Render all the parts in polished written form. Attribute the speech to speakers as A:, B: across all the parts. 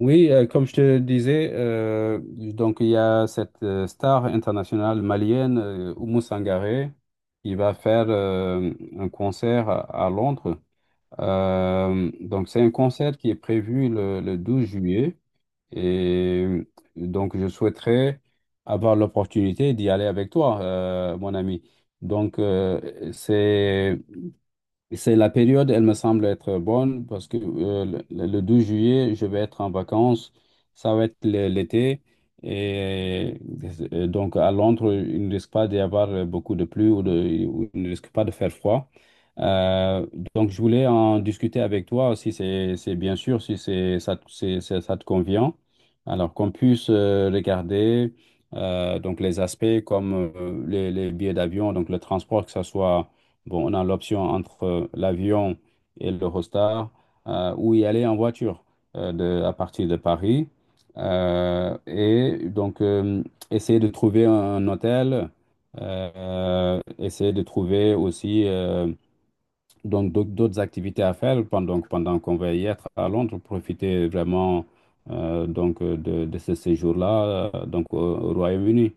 A: Oui, comme je te disais, donc il y a cette star internationale malienne, Oumou Sangaré, qui va faire un concert à Londres. Donc c'est un concert qui est prévu le 12 juillet et donc je souhaiterais avoir l'opportunité d'y aller avec toi, mon ami. Donc c'est la période, elle me semble être bonne parce que le juillet, je vais être en vacances. Ça va être l'été. Et, donc à Londres, il ne risque pas d'y avoir beaucoup de pluie ou il ne risque pas de faire froid. Euh, donc je voulais en discuter avec toi si c'est bien sûr, si c'est ça, ça te convient. Alors qu'on puisse regarder donc les aspects comme les billets d'avion, donc le transport, que ce soit. Bon, on a l'option entre l'avion et l'Eurostar ou y aller en voiture à partir de Paris. Et donc, essayer de trouver un hôtel, essayer de trouver aussi donc d'autres activités à faire pendant qu'on va y être à Londres, profiter vraiment donc de ce séjour-là donc au Royaume-Uni.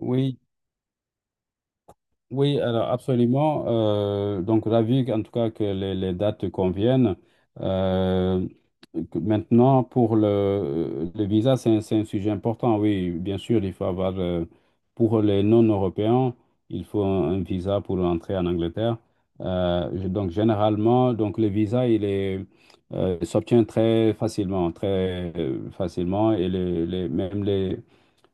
A: Oui, oui, alors absolument. Donc, ravi en tout cas que les dates conviennent. Euh, Maintenant, pour le visa, c'est un sujet important. Oui, bien sûr, il faut avoir, pour les non-européens, il faut un visa pour entrer en Angleterre. Donc, généralement, donc, le visa, il est, s'obtient très facilement, et les, les- même les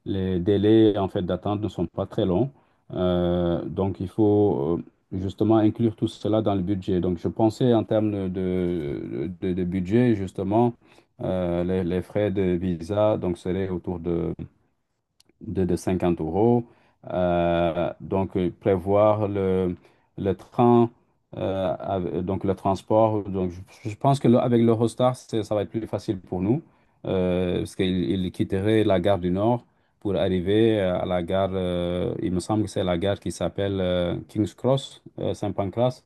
A: les délais en fait d'attente ne sont pas très longs. Donc il faut justement inclure tout cela dans le budget. Donc je pensais en termes de budget, justement, les frais de visa donc seraient autour de 50 euros. Donc, prévoir le train, donc le transport. Donc, je pense que avec l'Eurostar, ça va être plus facile pour nous, parce qu'il quitterait la gare du Nord pour arriver à la gare, il me semble que c'est la gare qui s'appelle King's Cross, Saint-Pancras.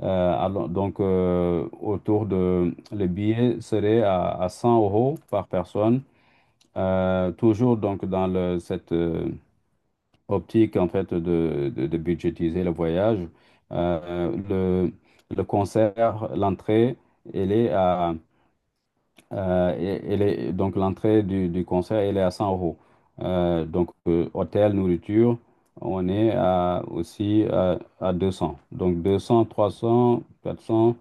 A: Alors, donc, le billet serait à 100 euros par personne. Toujours donc dans cette, optique en fait de budgétiser le voyage. Euh, le, le concert, l'entrée, elle est à, euh, donc l'entrée du concert, elle est à 100 euros. Donc hôtel, nourriture, on est à, aussi à 200. Donc 200, 300, 400.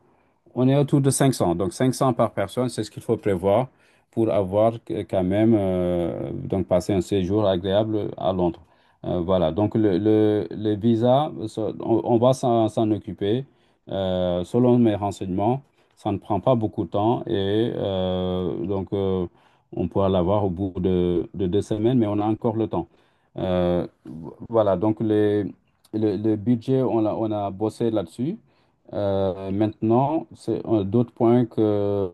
A: On est autour de 500. Donc 500 par personne, c'est ce qu'il faut prévoir pour avoir quand même donc passer un séjour agréable à Londres. Voilà. Donc le visa, ça, on va s'en occuper. Selon mes renseignements, ça ne prend pas beaucoup de temps et donc on pourra l'avoir au bout de 2 semaines, mais on a encore le temps. Euh, voilà. Donc le budget, on a bossé là-dessus. Maintenant, d'autres points que,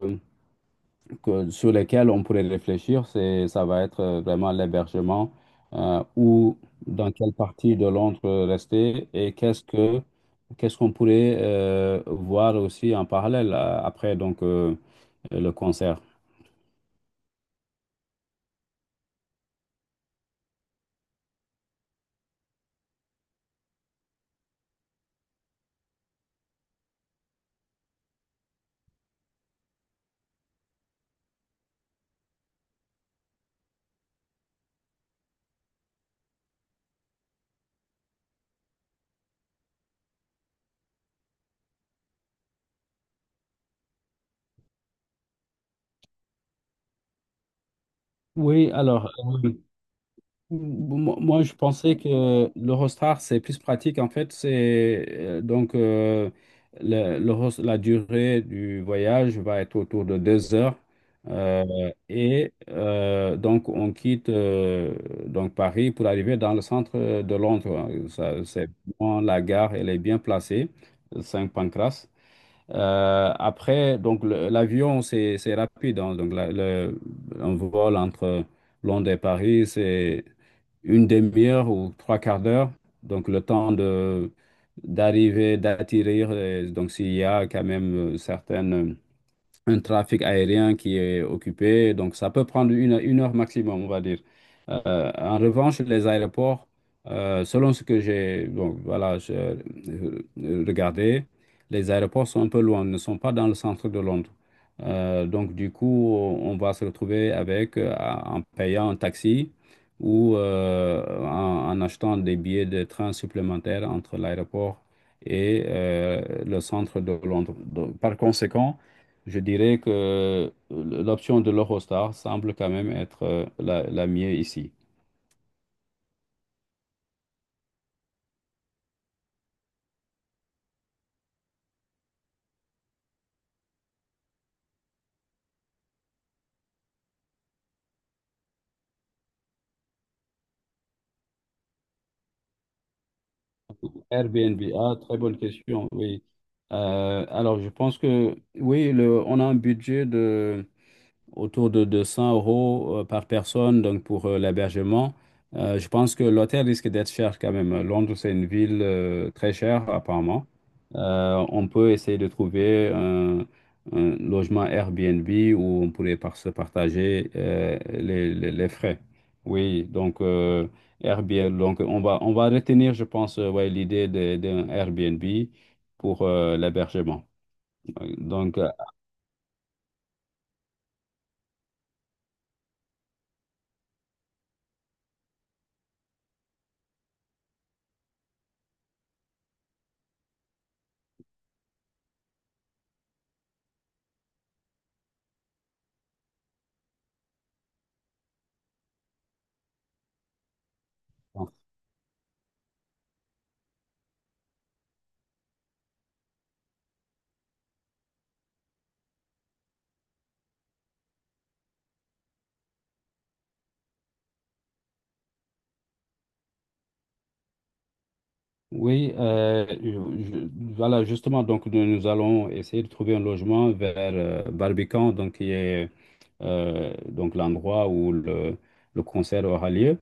A: que- sur lesquels on pourrait réfléchir, c'est ça va être vraiment l'hébergement, ou dans quelle partie de Londres rester et qu'est-ce qu'on pourrait voir aussi en parallèle après donc le concert. Oui, alors. Bon, moi, moi, je pensais que l'Eurostar, c'est plus pratique. En fait, c'est donc la durée du voyage va être autour de 2 heures. Euh, et donc, on quitte donc Paris pour arriver dans le centre de Londres. Ça, c'est vraiment la gare, elle est bien placée, Saint-Pancras. Après, donc l'avion, c'est rapide, hein. Donc un vol entre Londres et Paris, c'est une demi-heure ou trois quarts d'heure. Donc le temps de d'arriver, d'atterrir. Et donc s'il y a quand même certaines un trafic aérien qui est occupé. Donc, ça peut prendre une heure maximum, on va dire. En revanche, les aéroports, selon ce que j'ai bon, voilà, j'ai regardé, les aéroports sont un peu loin, ne sont pas dans le centre de Londres. Donc, du coup, on va se retrouver avec, en payant un taxi ou en achetant des billets de train supplémentaires entre l'aéroport et le centre de Londres. Donc, par conséquent, je dirais que l'option de l'Eurostar semble quand même être la mieux ici. Airbnb, ah, très bonne question, oui. Alors, je pense que, oui, on a un budget autour de 200 euros par personne, donc pour l'hébergement. Je pense que l'hôtel risque d'être cher quand même. Londres, c'est une ville très chère, apparemment. On peut essayer de trouver un logement Airbnb où on pourrait se partager les frais. Oui, donc Airbnb, donc on va retenir, je pense, ouais, l'idée d'un Airbnb pour l'hébergement. Donc, euh, oui, voilà, justement, donc nous, nous allons essayer de trouver un logement vers Barbican, donc qui est donc l'endroit où le concert aura lieu.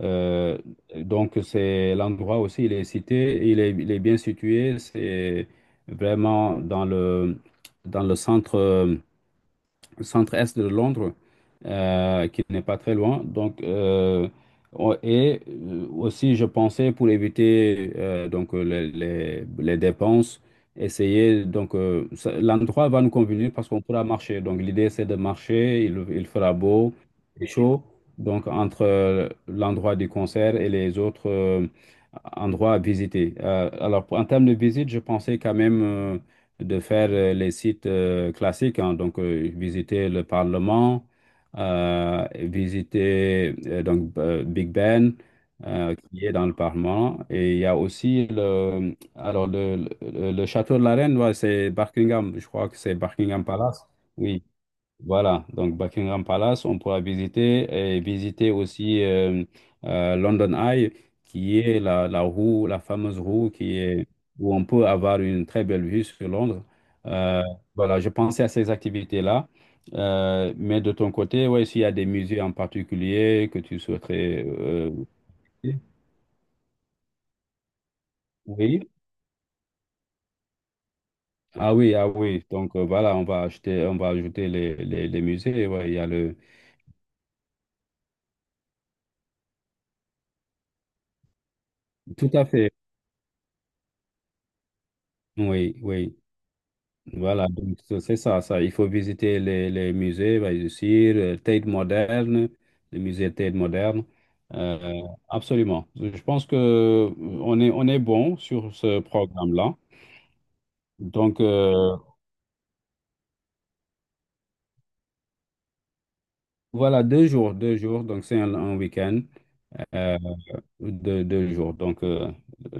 A: Euh, donc c'est l'endroit aussi, il est cité, il est bien situé, c'est vraiment dans le centre-est de Londres, qui n'est pas très loin. Donc, et aussi, je pensais pour éviter donc les dépenses, essayer donc l'endroit va nous convenir parce qu'on pourra marcher. Donc, l'idée c'est de marcher. Il fera beau et chaud. Donc, entre l'endroit du concert et les autres endroits à visiter. Alors, en termes de visite, je pensais quand même de faire les sites classiques, hein, donc visiter le Parlement, visiter donc Big Ben, qui est dans le Parlement, et il y a aussi le alors le château de la Reine, ouais, c'est Buckingham, je crois que c'est Buckingham Palace, oui. Voilà, donc Buckingham Palace, on pourra visiter et visiter aussi London Eye, qui est la roue, la fameuse roue où on peut avoir une très belle vue sur Londres. Euh, voilà, je pensais à ces activités-là. Mais de ton côté, ouais, s'il y a des musées en particulier que tu souhaiterais visiter. Oui. Ah oui, ah oui. Donc voilà, on va acheter, on va ajouter les musées. Ouais, il y a le. Tout à fait. Oui, oui. Voilà, donc c'est ça, ça. Il faut visiter les musées, bien sûr, Tate moderne, le musée Tate moderne. Euh, Absolument. Je pense que on est bon sur ce programme-là. Donc, voilà, 2 jours, 2 jours. Donc, c'est un week-end. Euh, 2, 2 jours. Donc,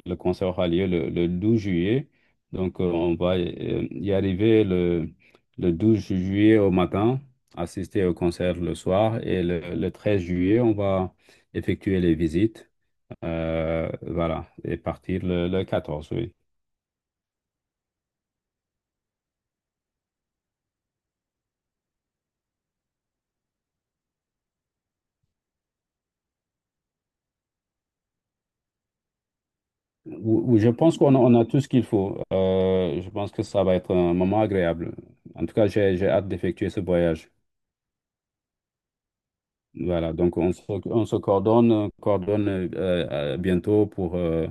A: le concert aura lieu le 12 juillet. Donc, on va y arriver le 12 juillet au matin, assister au concert le soir. Et le 13 juillet, on va effectuer les visites. Voilà. Et partir le 14, oui. Oui, oui, je pense qu'on a tout ce qu'il faut. Je pense que ça va être un moment agréable. En tout cas, j'ai hâte d'effectuer ce voyage. Voilà, donc on se coordonne bientôt pour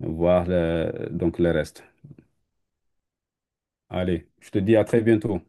A: voir donc le reste. Allez, je te dis à très bientôt.